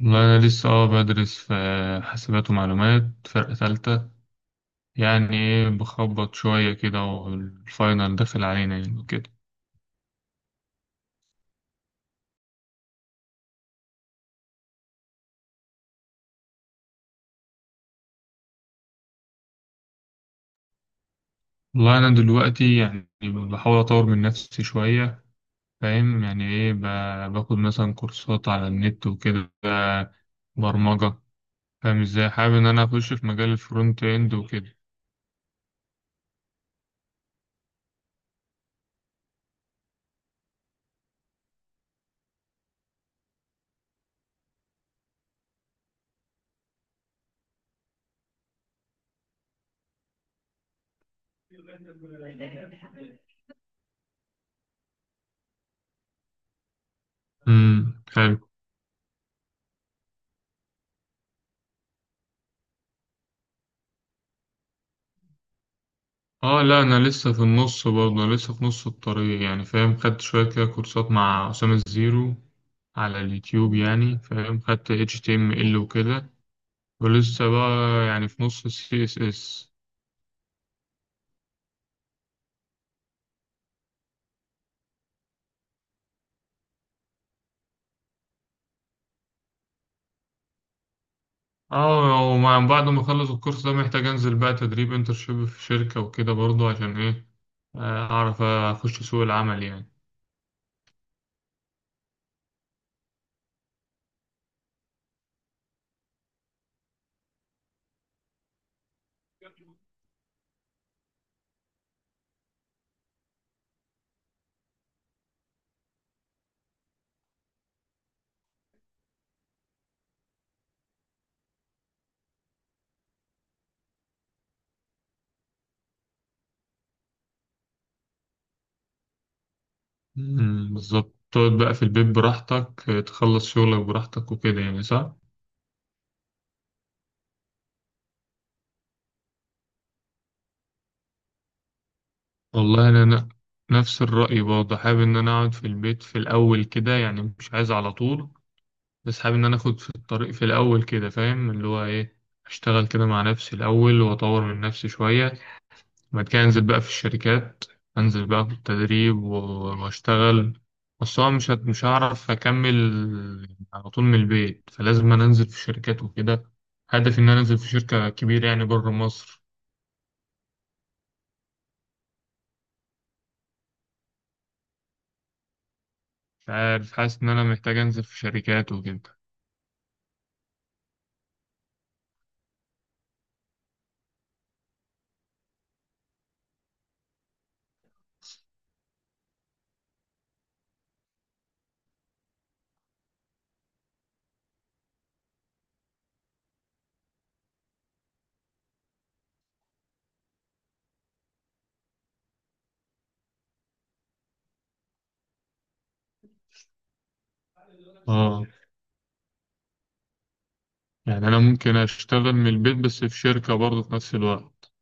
والله أنا لسه بدرس في حاسبات ومعلومات، فرقة تالتة. يعني إيه، بخبط شوية كده، والفاينل داخل علينا يعني وكده. والله أنا دلوقتي يعني بحاول أطور من نفسي شوية. فاهم يعني إيه، باخد مثلا كورسات على النت وكده، برمجة. فاهم إزاي، حابب إن أنا أخش في مجال الفرونت إند وكده. حلو. اه لا، انا لسه في النص، برضه انا لسه في نص الطريق يعني، فاهم، خدت شويه كده كورسات مع اسامه الزيرو على اليوتيوب يعني، فاهم، خدت HTML وكده، ولسه بقى يعني في نص ال CSS. اه، ومع بعد ما اخلص الكورس ده محتاج انزل بقى تدريب، انترشيب في شركه وكده برضه عشان ايه، اعرف اخش سوق العمل يعني. بالظبط، تقعد بقى في البيت براحتك، تخلص شغلك براحتك وكده يعني، صح. والله انا نفس الرأي برضه، حابب ان انا اقعد في البيت في الاول كده يعني، مش عايز على طول. بس حابب ان انا اخد في الطريق في الاول كده، فاهم، اللي هو ايه، اشتغل كده مع نفسي الاول واطور من نفسي شوية، بعد كده انزل بقى في الشركات، انزل بقى في التدريب واشتغل. بس هو مش مش هعرف اكمل على طول من البيت، فلازم انا انزل في الشركات وكده. هدفي ان انا انزل في شركة كبيرة يعني بره مصر. مش عارف، حاسس ان انا محتاج انزل في شركات وكده. اه، يعني أنا ممكن أشتغل من البيت بس في شركة برضه في نفس الوقت.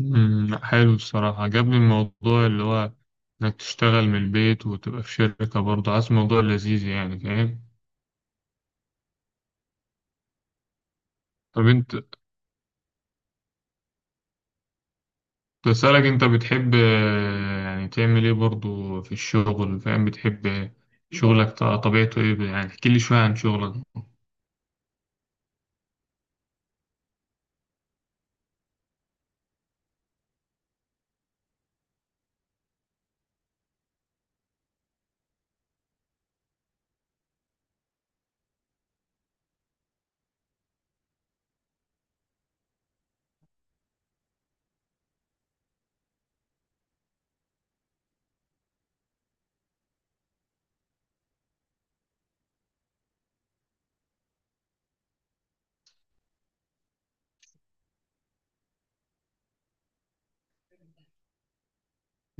لأ، حلو الصراحة، عجبني الموضوع اللي هو إنك تشتغل من البيت وتبقى في شركة برضه، عايز موضوع لذيذ يعني، فاهم. طب أنت بسألك، أنت بتحب يعني تعمل إيه برضه في الشغل، فاهم، بتحب شغلك، طبيعته إيه يعني، احكي لي شوية عن شغلك.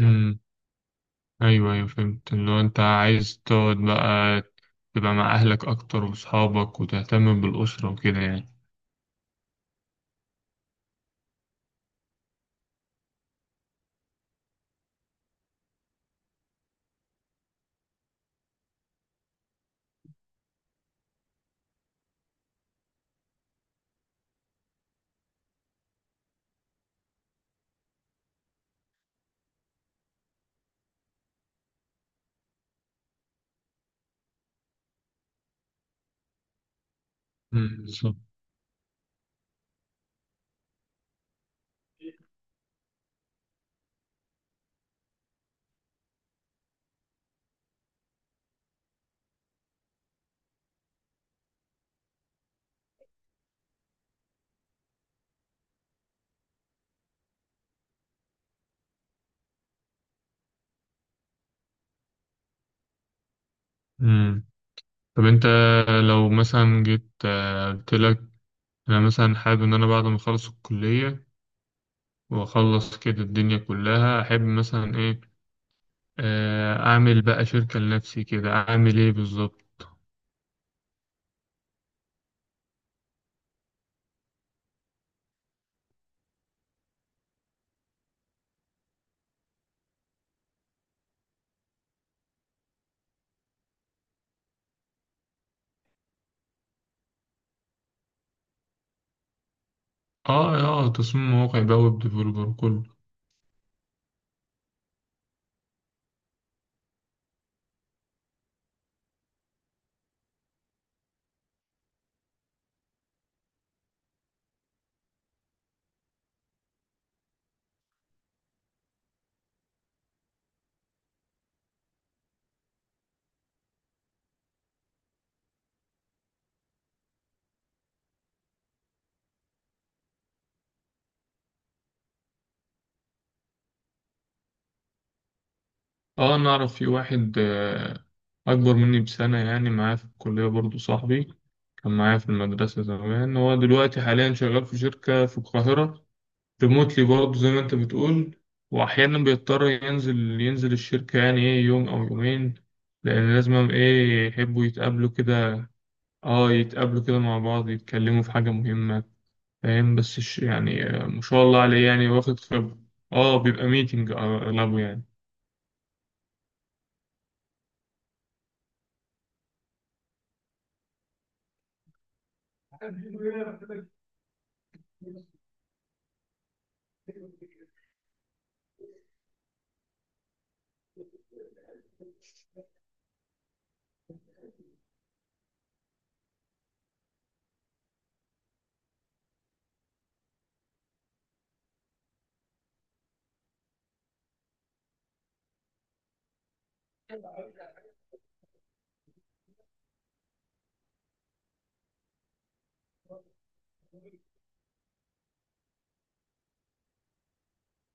أمم، أيوه أيوه، فهمت، اللي هو أنت عايز تقعد بقى تبقى مع أهلك أكتر وأصحابك وتهتم بالأسرة وكده يعني. مم. مم. طب انت لو مثلا جيت قلت لك انا مثلا حابب ان انا بعد ما اخلص الكلية واخلص كده الدنيا كلها، احب مثلا ايه، اعمل بقى شركة لنفسي كده، اعمل ايه بالظبط. اه. اه، تصميم مواقع بقى، ويب ديفلوبر كله. اه انا اعرف في واحد اكبر مني بسنة يعني، معايا في الكلية برضو، صاحبي كان معايا في المدرسة زمان، هو دلوقتي حاليا شغال في شركة في القاهرة، ريموتلي برضه زي ما انت بتقول. واحيانا بيضطر ينزل ينزل الشركة يعني، ايه، يوم او يومين، لان لازم ايه يحبوا يتقابلوا كده. اه يتقابلوا كده مع بعض، يتكلموا في حاجة مهمة فاهم. بس يعني ما شاء الله عليه يعني، واخد خبرة. اه بيبقى ميتنج اغلبه يعني.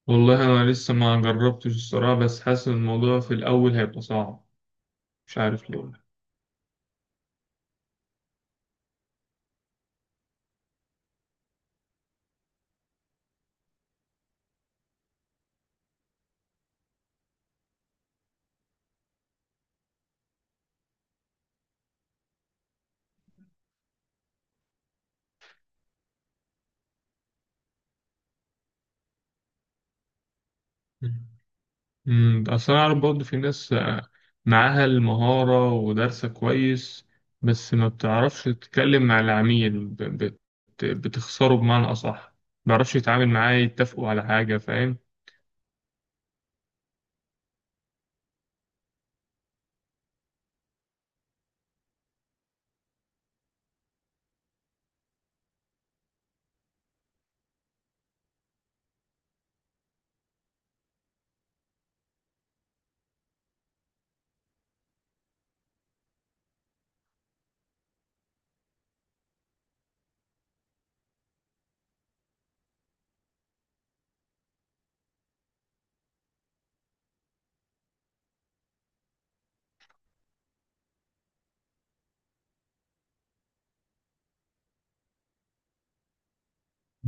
والله انا لسه ما جربتش الصراحة، بس حاسس إن الموضوع في الاول هيبقى صعب، مش عارف ليه. اصل انا اعرف برضه في ناس معاها المهارة ودارسة كويس، بس ما بتعرفش تتكلم مع العميل بتخسره بمعنى اصح، ما بيعرفش يتعامل معاه يتفقوا على حاجة، فاهم.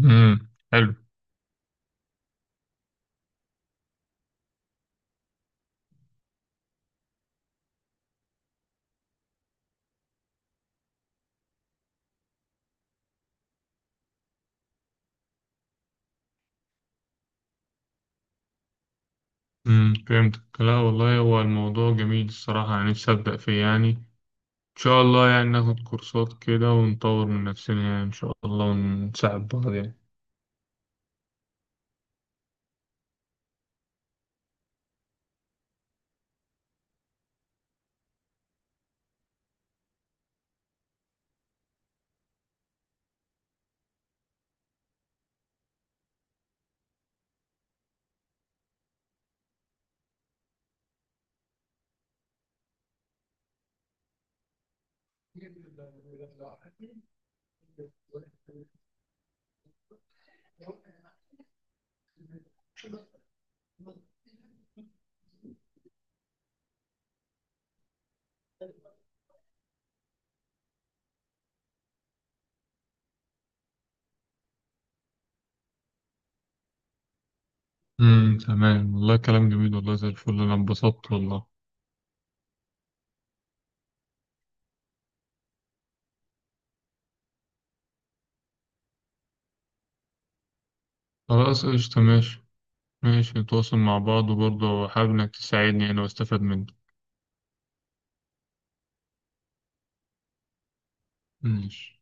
حلو. فهمتك، لا والله هو الموضوع جميل الصراحة يعني، نفسي أبدأ فيه يعني، إن شاء الله يعني، ناخد كورسات كده ونطور من نفسنا يعني إن شاء الله ونساعد بعض يعني. تمام، والله كلام جميل والله، زي الفل، أنا انبسطت والله. خلاص قشطة، ماشي. ماشي، نتواصل مع بعض، وبرضه حابب إنك تساعدني يعني واستفاد منك. ماشي.